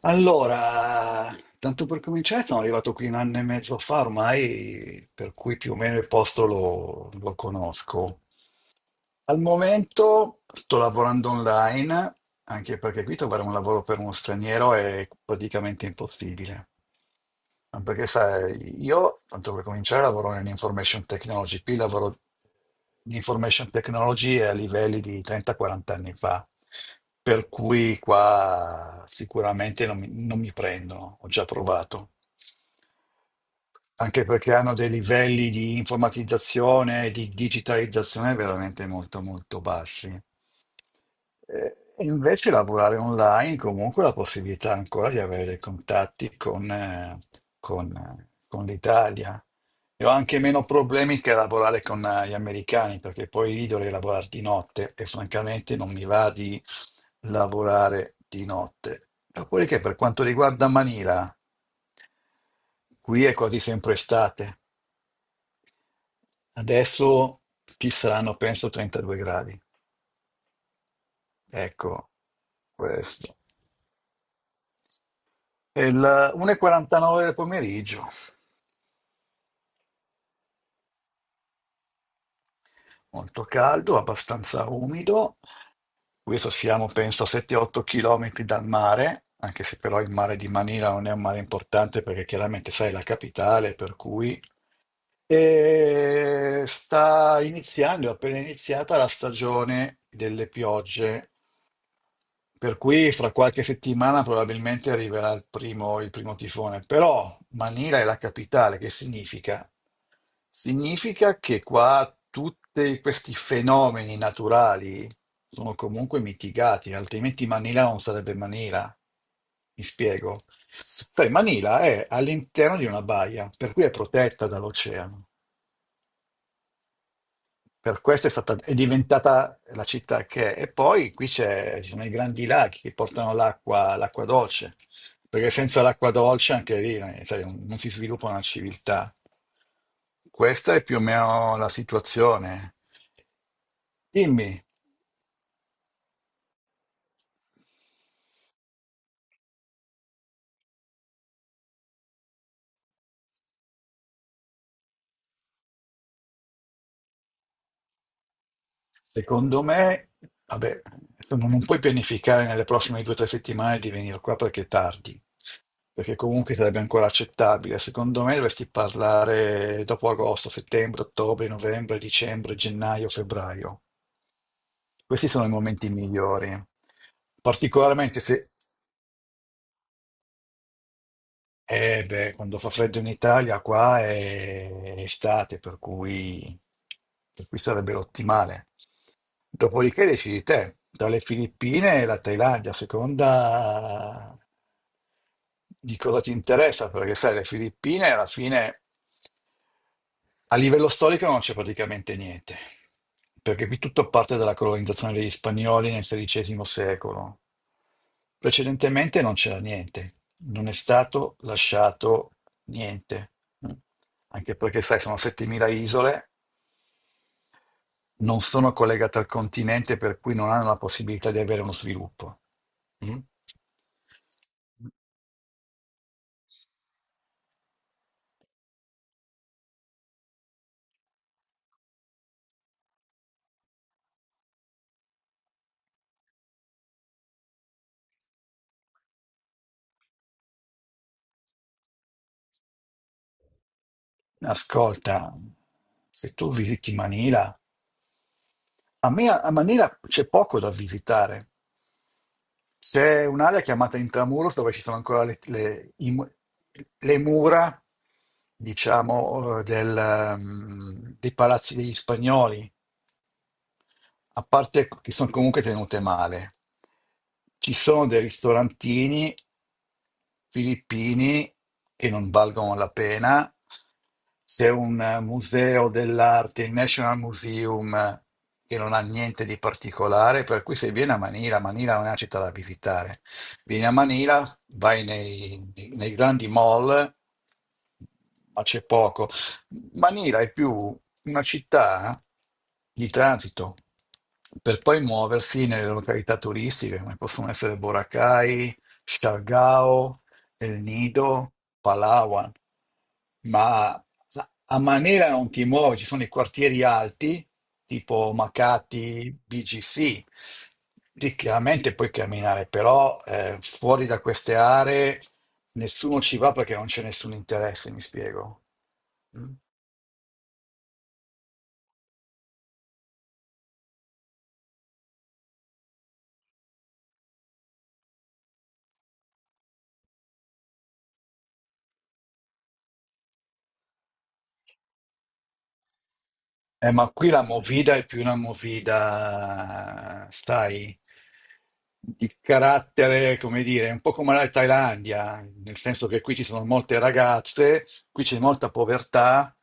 Allora, tanto per cominciare, sono arrivato qui un anno e mezzo fa ormai, per cui più o meno il posto lo conosco. Al momento sto lavorando online, anche perché qui trovare un lavoro per uno straniero è praticamente impossibile. Ah, perché sai, io, tanto per cominciare, lavoro in information technology, qui lavoro in information technology a livelli di 30-40 anni fa, per cui qua sicuramente non mi prendono, ho già provato anche perché hanno dei livelli di informatizzazione e di digitalizzazione veramente molto molto bassi. E invece lavorare online comunque la possibilità ancora di avere dei contatti con l'Italia. E ho anche meno problemi che lavorare con gli americani, perché poi lì dovrei lavorare di notte e francamente non mi va di lavorare di notte. Dopodiché, per quanto riguarda Manila, qui è quasi sempre estate. Adesso ci saranno, penso, 32 gradi. Ecco questo. È il 1:49 del pomeriggio, molto caldo, abbastanza umido. Questo siamo, penso, a 7-8 km dal mare, anche se però il mare di Manila non è un mare importante perché chiaramente sai è la capitale, per cui. E sta iniziando, è appena iniziata la stagione delle piogge, per cui fra qualche settimana probabilmente arriverà il primo tifone. Però Manila è la capitale, che significa? Significa che qua tutti questi fenomeni naturali sono comunque mitigati, altrimenti Manila non sarebbe Manila. Mi spiego. Sai, Manila è all'interno di una baia, per cui è protetta dall'oceano. Per questo è stata, è diventata la città che è. E poi qui ci sono i grandi laghi che portano l'acqua, l'acqua dolce, perché senza l'acqua dolce anche lì sai, non si sviluppa una civiltà. Questa è più o meno la situazione. Dimmi. Secondo me, vabbè, insomma, non puoi pianificare nelle prossime 2 o 3 settimane di venire qua perché è tardi, perché comunque sarebbe ancora accettabile. Secondo me dovresti parlare dopo agosto, settembre, ottobre, novembre, dicembre, gennaio, febbraio. Questi sono i momenti migliori. Particolarmente se. Eh beh, quando fa freddo in Italia, qua è estate, per cui sarebbe l'ottimale. Dopodiché decidi te, tra le Filippine e la Thailandia, a seconda di cosa ti interessa, perché sai, le Filippine alla fine a livello storico non c'è praticamente niente, perché qui tutto parte dalla colonizzazione degli spagnoli nel XVI secolo. Precedentemente non c'era niente, non è stato lasciato niente, anche perché, sai, sono 7.000 isole, non sono collegate al continente, per cui non hanno la possibilità di avere uno sviluppo. Mm? Ascolta, se tu visiti Manila, A Manila c'è poco da visitare. C'è un'area chiamata Intramuros dove ci sono ancora le mura, diciamo, dei palazzi degli spagnoli, a parte che sono comunque tenute male. Ci sono dei ristorantini filippini che non valgono la pena. C'è un museo dell'arte, il National Museum, che non ha niente di particolare, per cui se vieni a Manila, Manila non è una città da visitare. Vieni a Manila, vai nei grandi mall, ma c'è poco. Manila è più una città di transito per poi muoversi nelle località turistiche, come possono essere Boracay, Siargao, El Nido, Palawan, ma a Manera non ti muovi, ci sono i quartieri alti, tipo Makati, BGC, lì chiaramente puoi camminare, però fuori da queste aree nessuno ci va perché non c'è nessun interesse, mi spiego. Mm? Ma qui la movida è più una movida, sai, di carattere, come dire, un po' come la Thailandia, nel senso che qui ci sono molte ragazze, qui c'è molta povertà,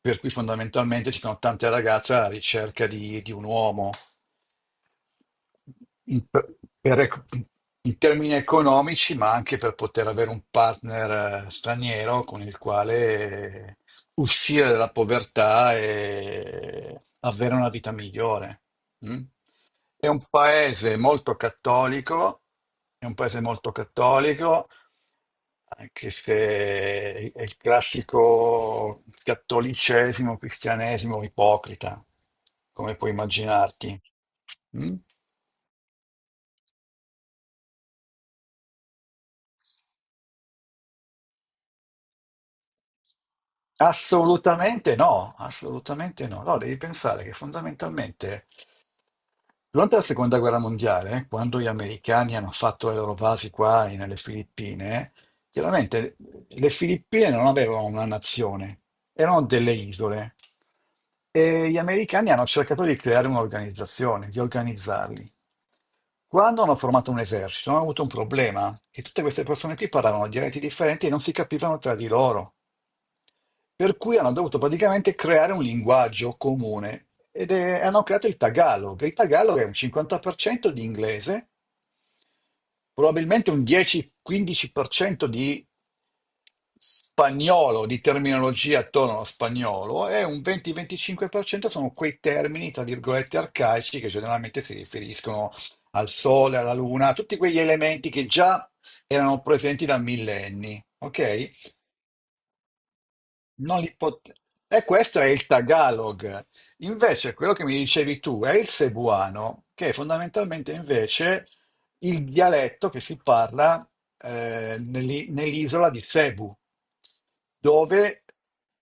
per cui fondamentalmente ci sono tante ragazze alla ricerca di un uomo in, per- per ec- in termini economici, ma anche per poter avere un partner straniero con il quale uscire dalla povertà e avere una vita migliore. Mm? È un paese molto cattolico, è un paese molto cattolico, anche se è il classico cattolicesimo, cristianesimo ipocrita, come puoi immaginarti. Mm? Assolutamente no, assolutamente no. No, devi pensare che fondamentalmente durante la seconda guerra mondiale, quando gli americani hanno fatto le loro basi qua nelle Filippine, chiaramente le Filippine non avevano una nazione, erano delle isole e gli americani hanno cercato di creare un'organizzazione, di organizzarli. Quando hanno formato un esercito, hanno avuto un problema, che tutte queste persone qui parlavano dialetti differenti e non si capivano tra di loro. Per cui hanno dovuto praticamente creare un linguaggio comune hanno creato il Tagalog. Il Tagalog è un 50% di inglese, probabilmente un 10-15% di spagnolo, di terminologia attorno allo spagnolo, e un 20-25% sono quei termini, tra virgolette, arcaici che generalmente si riferiscono al sole, alla luna, a tutti quegli elementi che già erano presenti da millenni, ok? Non li pot- E questo è il Tagalog. Invece, quello che mi dicevi tu è il Cebuano, che è fondamentalmente invece il dialetto che si parla nell'isola di Cebu dove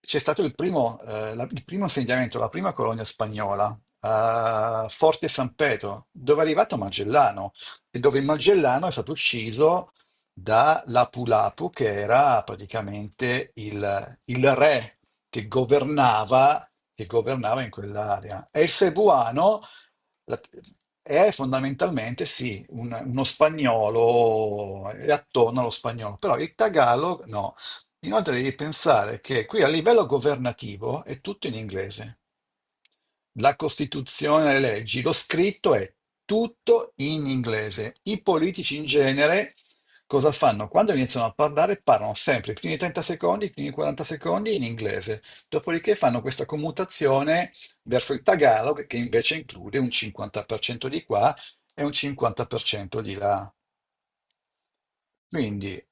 c'è stato il primo insediamento, la prima colonia spagnola, a Forte San Pedro, dove è arrivato Magellano e dove Magellano è stato ucciso da Lapu-Lapu, che era praticamente il re che governava, che governava in quell'area. E il Cebuano la- è fondamentalmente, sì, uno spagnolo, è attorno allo spagnolo, però il Tagalog no. Inoltre devi pensare che qui a livello governativo è tutto in inglese. La Costituzione, le leggi, lo scritto è tutto in inglese. I politici in genere cosa fanno? Quando iniziano a parlare, parlano sempre i primi 30 secondi, i primi 40 secondi in inglese. Dopodiché fanno questa commutazione verso il tagalog, che invece include un 50% di qua e un 50% di là. Quindi.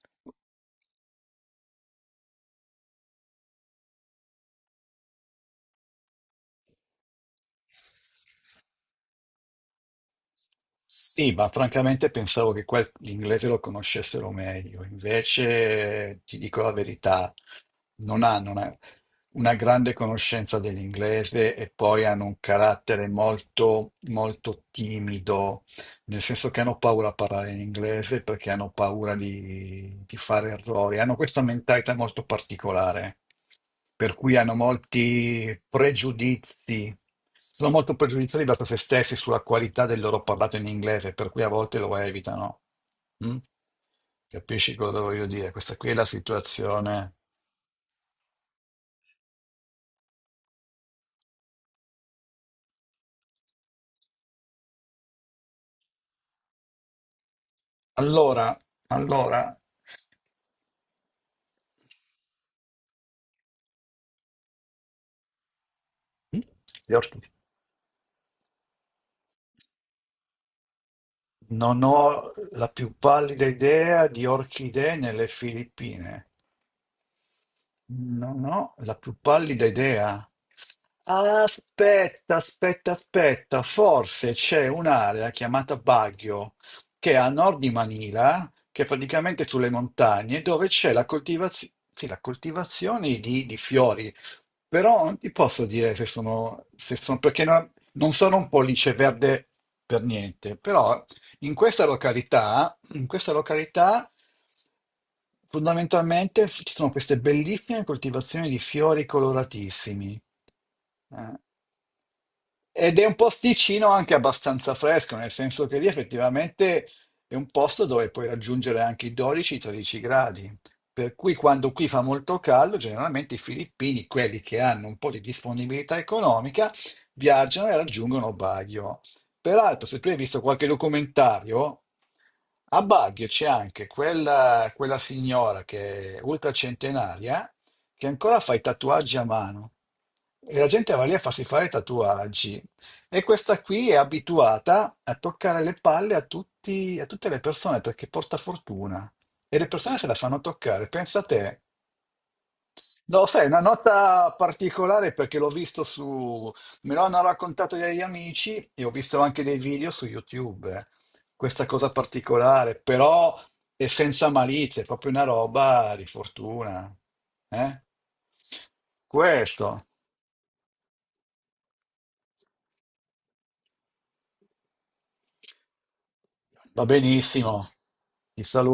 Sì, ma francamente pensavo che l'inglese lo conoscessero meglio, invece ti dico la verità, non hanno una grande conoscenza dell'inglese e poi hanno un carattere molto, molto timido, nel senso che hanno paura a parlare in inglese perché hanno paura di fare errori, hanno questa mentalità molto particolare, per cui hanno molti pregiudizi, sono molto pregiudiziali verso se stessi sulla qualità del loro parlato in inglese, per cui a volte lo evitano. Mm? Capisci cosa voglio dire? Questa qui è la situazione. Allora, allora. Mm? Le orchidee. Non ho la più pallida idea di orchidee nelle Filippine. Non ho la più pallida idea. Aspetta, aspetta, aspetta, forse c'è un'area chiamata Baguio, che è a nord di Manila, che è praticamente sulle montagne, dove c'è la coltivazione, sì, la coltivazione di fiori. Però non ti posso dire se sono perché non sono un pollice verde per niente, però in questa località in questa località fondamentalmente ci sono queste bellissime coltivazioni di fiori coloratissimi. eh. Ed è un posticino anche abbastanza fresco, nel senso che lì effettivamente è un posto dove puoi raggiungere anche i 12-13 gradi. Per cui quando qui fa molto caldo, generalmente i filippini, quelli che hanno un po' di disponibilità economica, viaggiano e raggiungono Baguio. Peraltro, se tu hai visto qualche documentario, a Baguio c'è anche quella signora che è ultracentenaria, che ancora fa i tatuaggi a mano. E la gente va lì a farsi fare i tatuaggi. E questa qui è abituata a toccare le palle a tutte le persone perché porta fortuna e le persone se la fanno toccare. Pensa a te. No, sai, una nota particolare perché l'ho visto su. Me lo hanno raccontato degli amici e ho visto anche dei video su YouTube. Questa cosa particolare, però è senza malizia, è proprio una roba di fortuna. Eh? Questo va benissimo. Ti saluto.